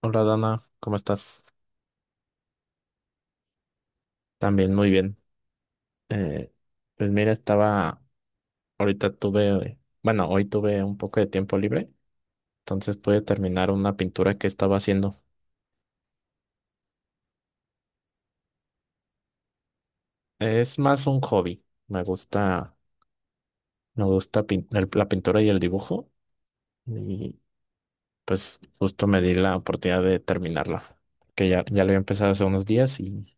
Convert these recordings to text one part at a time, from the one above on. Hola Dana, ¿cómo estás? También muy bien. Eh, pues mira, bueno, hoy tuve un poco de tiempo libre, entonces pude terminar una pintura que estaba haciendo. Es más un hobby, me gusta la pintura y el dibujo y pues justo me di la oportunidad de terminarla, que ya lo había empezado hace unos días y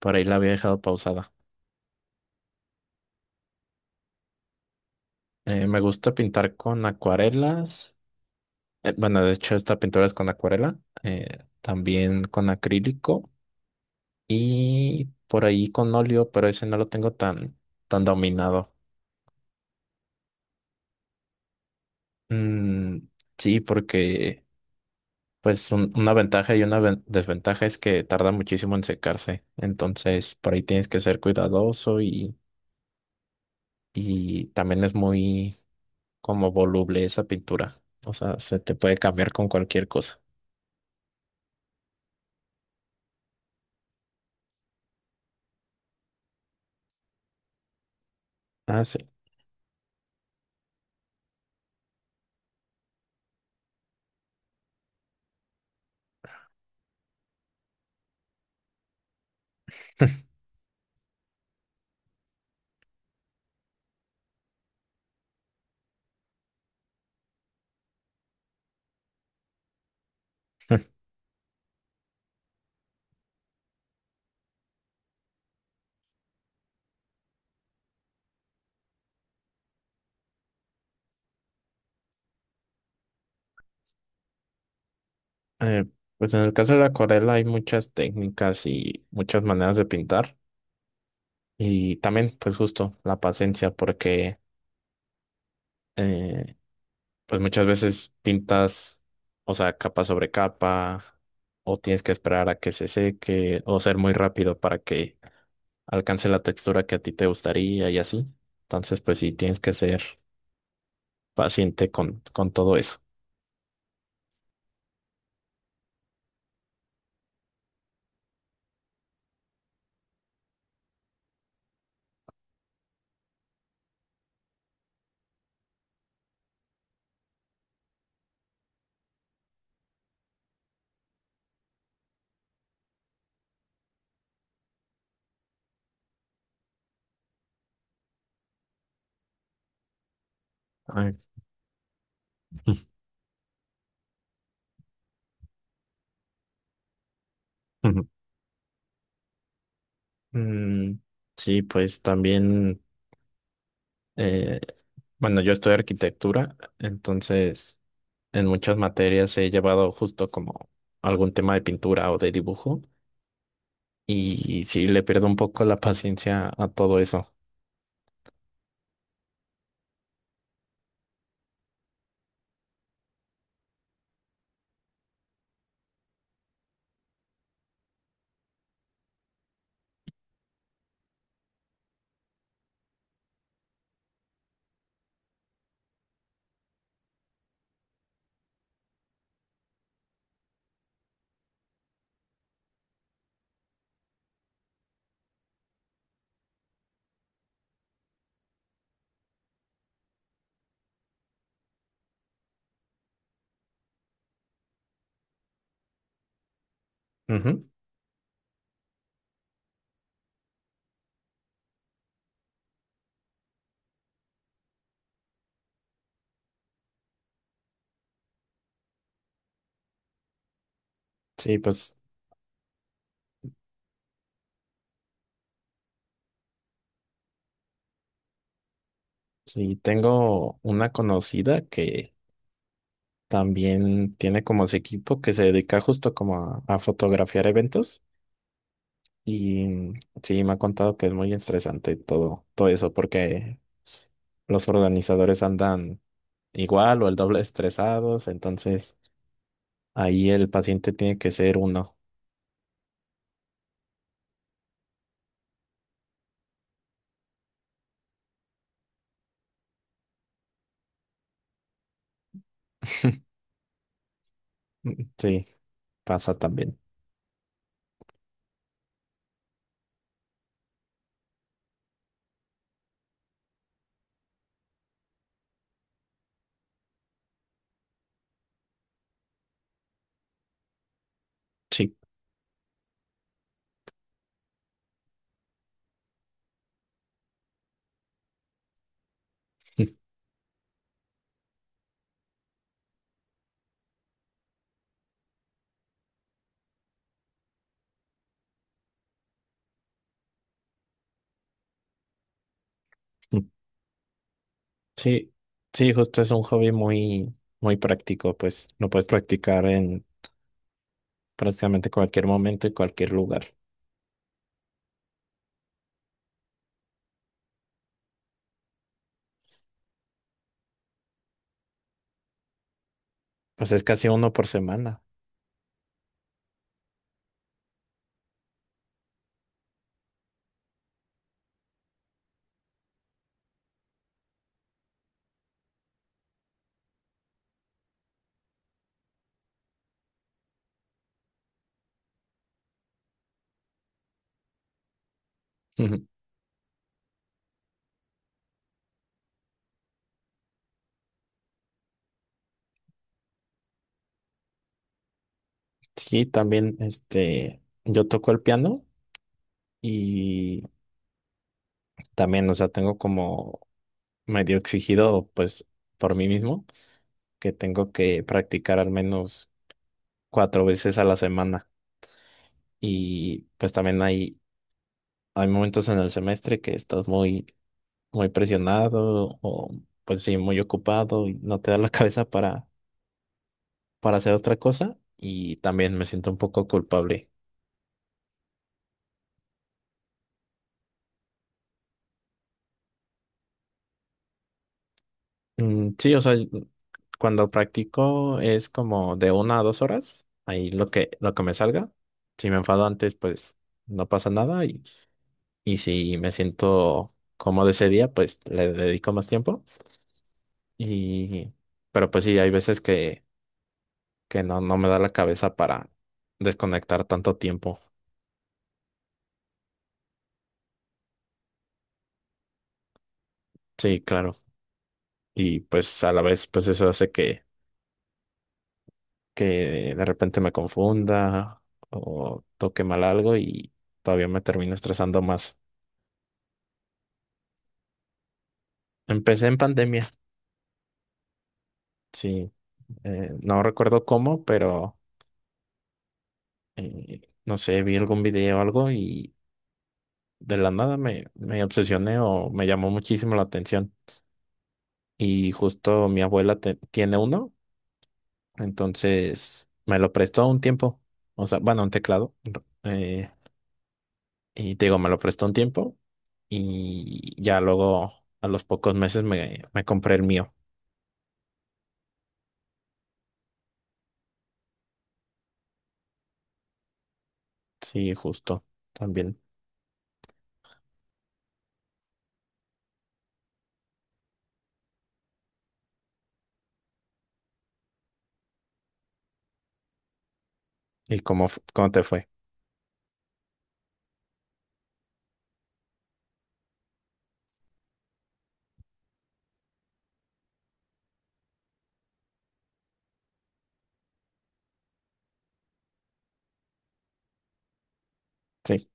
por ahí la había dejado pausada. Me gusta pintar con acuarelas. Bueno, de hecho, esta pintura es con acuarela, también con acrílico y por ahí con óleo, pero ese no lo tengo tan dominado. Mm, sí, porque pues una ventaja y una desventaja es que tarda muchísimo en secarse. Entonces, por ahí tienes que ser cuidadoso, y también es muy como voluble esa pintura. O sea, se te puede cambiar con cualquier cosa. Ah, sí. Eh, pues en el caso de la acuarela hay muchas técnicas y muchas maneras de pintar y también pues justo la paciencia porque eh, pues muchas veces o sea, capa sobre capa o tienes que esperar a que se seque o ser muy rápido para que alcance la textura que a ti te gustaría y así. Entonces pues sí, tienes que ser paciente con todo eso. Ay. Mm, sí, pues también. Eh, bueno, yo estudio arquitectura, entonces en muchas materias he llevado justo como algún tema de pintura o de dibujo y sí le pierdo un poco la paciencia a todo eso. Ujú. Sí, pues sí, tengo una conocida que también tiene como su equipo que se dedica justo como a fotografiar eventos. Y sí, me ha contado que es muy estresante todo eso, porque los organizadores andan igual o el doble estresados, entonces ahí el paciente tiene que ser uno. Sí, pasa también. Sí. Sí, sí, justo es un hobby muy práctico, pues lo puedes practicar en prácticamente cualquier momento y cualquier lugar. Pues es casi uno por semana. Sí, también este, yo toco el piano y también, o sea, tengo como medio exigido, pues, por mí mismo, que tengo que practicar al menos cuatro veces a la semana. Y pues también hay momentos en el semestre que estás muy presionado o pues sí, muy ocupado y no te da la cabeza para hacer otra cosa. Y también me siento un poco culpable. Mm, sí, o sea, cuando practico es como de una a dos horas, ahí lo lo que me salga. Si me enfado antes, pues no pasa nada, y si me siento cómodo ese día, pues le dedico más tiempo. Y, pero pues sí, hay veces que no, no me da la cabeza para desconectar tanto tiempo. Sí, claro. Y pues a la vez, pues eso hace que de repente me confunda o toque mal algo y todavía me termino estresando más. Empecé en pandemia, sí. No recuerdo cómo, pero no sé, vi algún video o algo y de la nada me obsesioné o me llamó muchísimo la atención. Y justo mi abuela tiene uno, entonces me lo prestó un tiempo. O sea, bueno, un teclado. eh, y te digo, me lo prestó un tiempo y ya luego a los pocos meses me compré el mío. Sí, justo, también. ¿Y cómo, cómo te fue? Sí.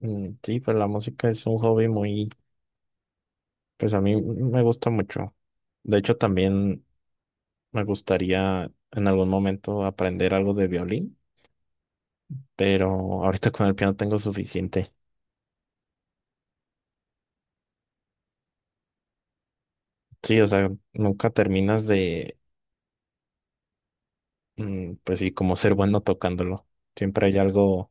Mm, sí, pues la música es un hobby muy, pues a mí me gusta mucho. De hecho, también me gustaría en algún momento aprender algo de violín, pero ahorita con el piano tengo suficiente. Sí, o sea, nunca terminas mm, pues sí, como ser bueno tocándolo. Siempre hay algo,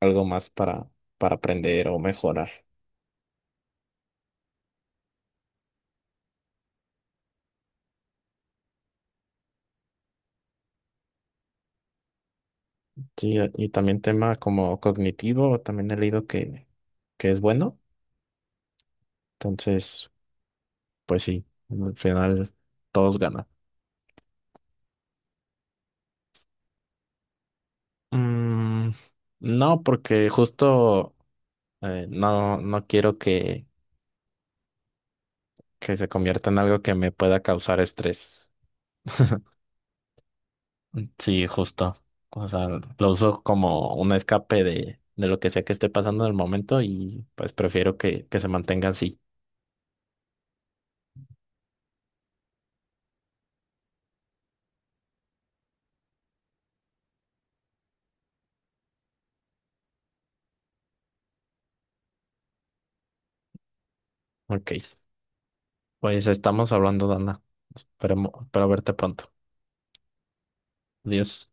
algo más para aprender o mejorar. Sí, y también tema como cognitivo, también he leído que es bueno. Entonces, pues sí, al final todos ganan. Mm, no, porque justo no, no quiero que se convierta en algo que me pueda causar estrés. Mm, sí, justo. O sea, lo uso como un escape de lo que sea que esté pasando en el momento y pues prefiero que se mantenga así. Ok. Pues estamos hablando, Dana. Esperemos, espero verte pronto. Adiós.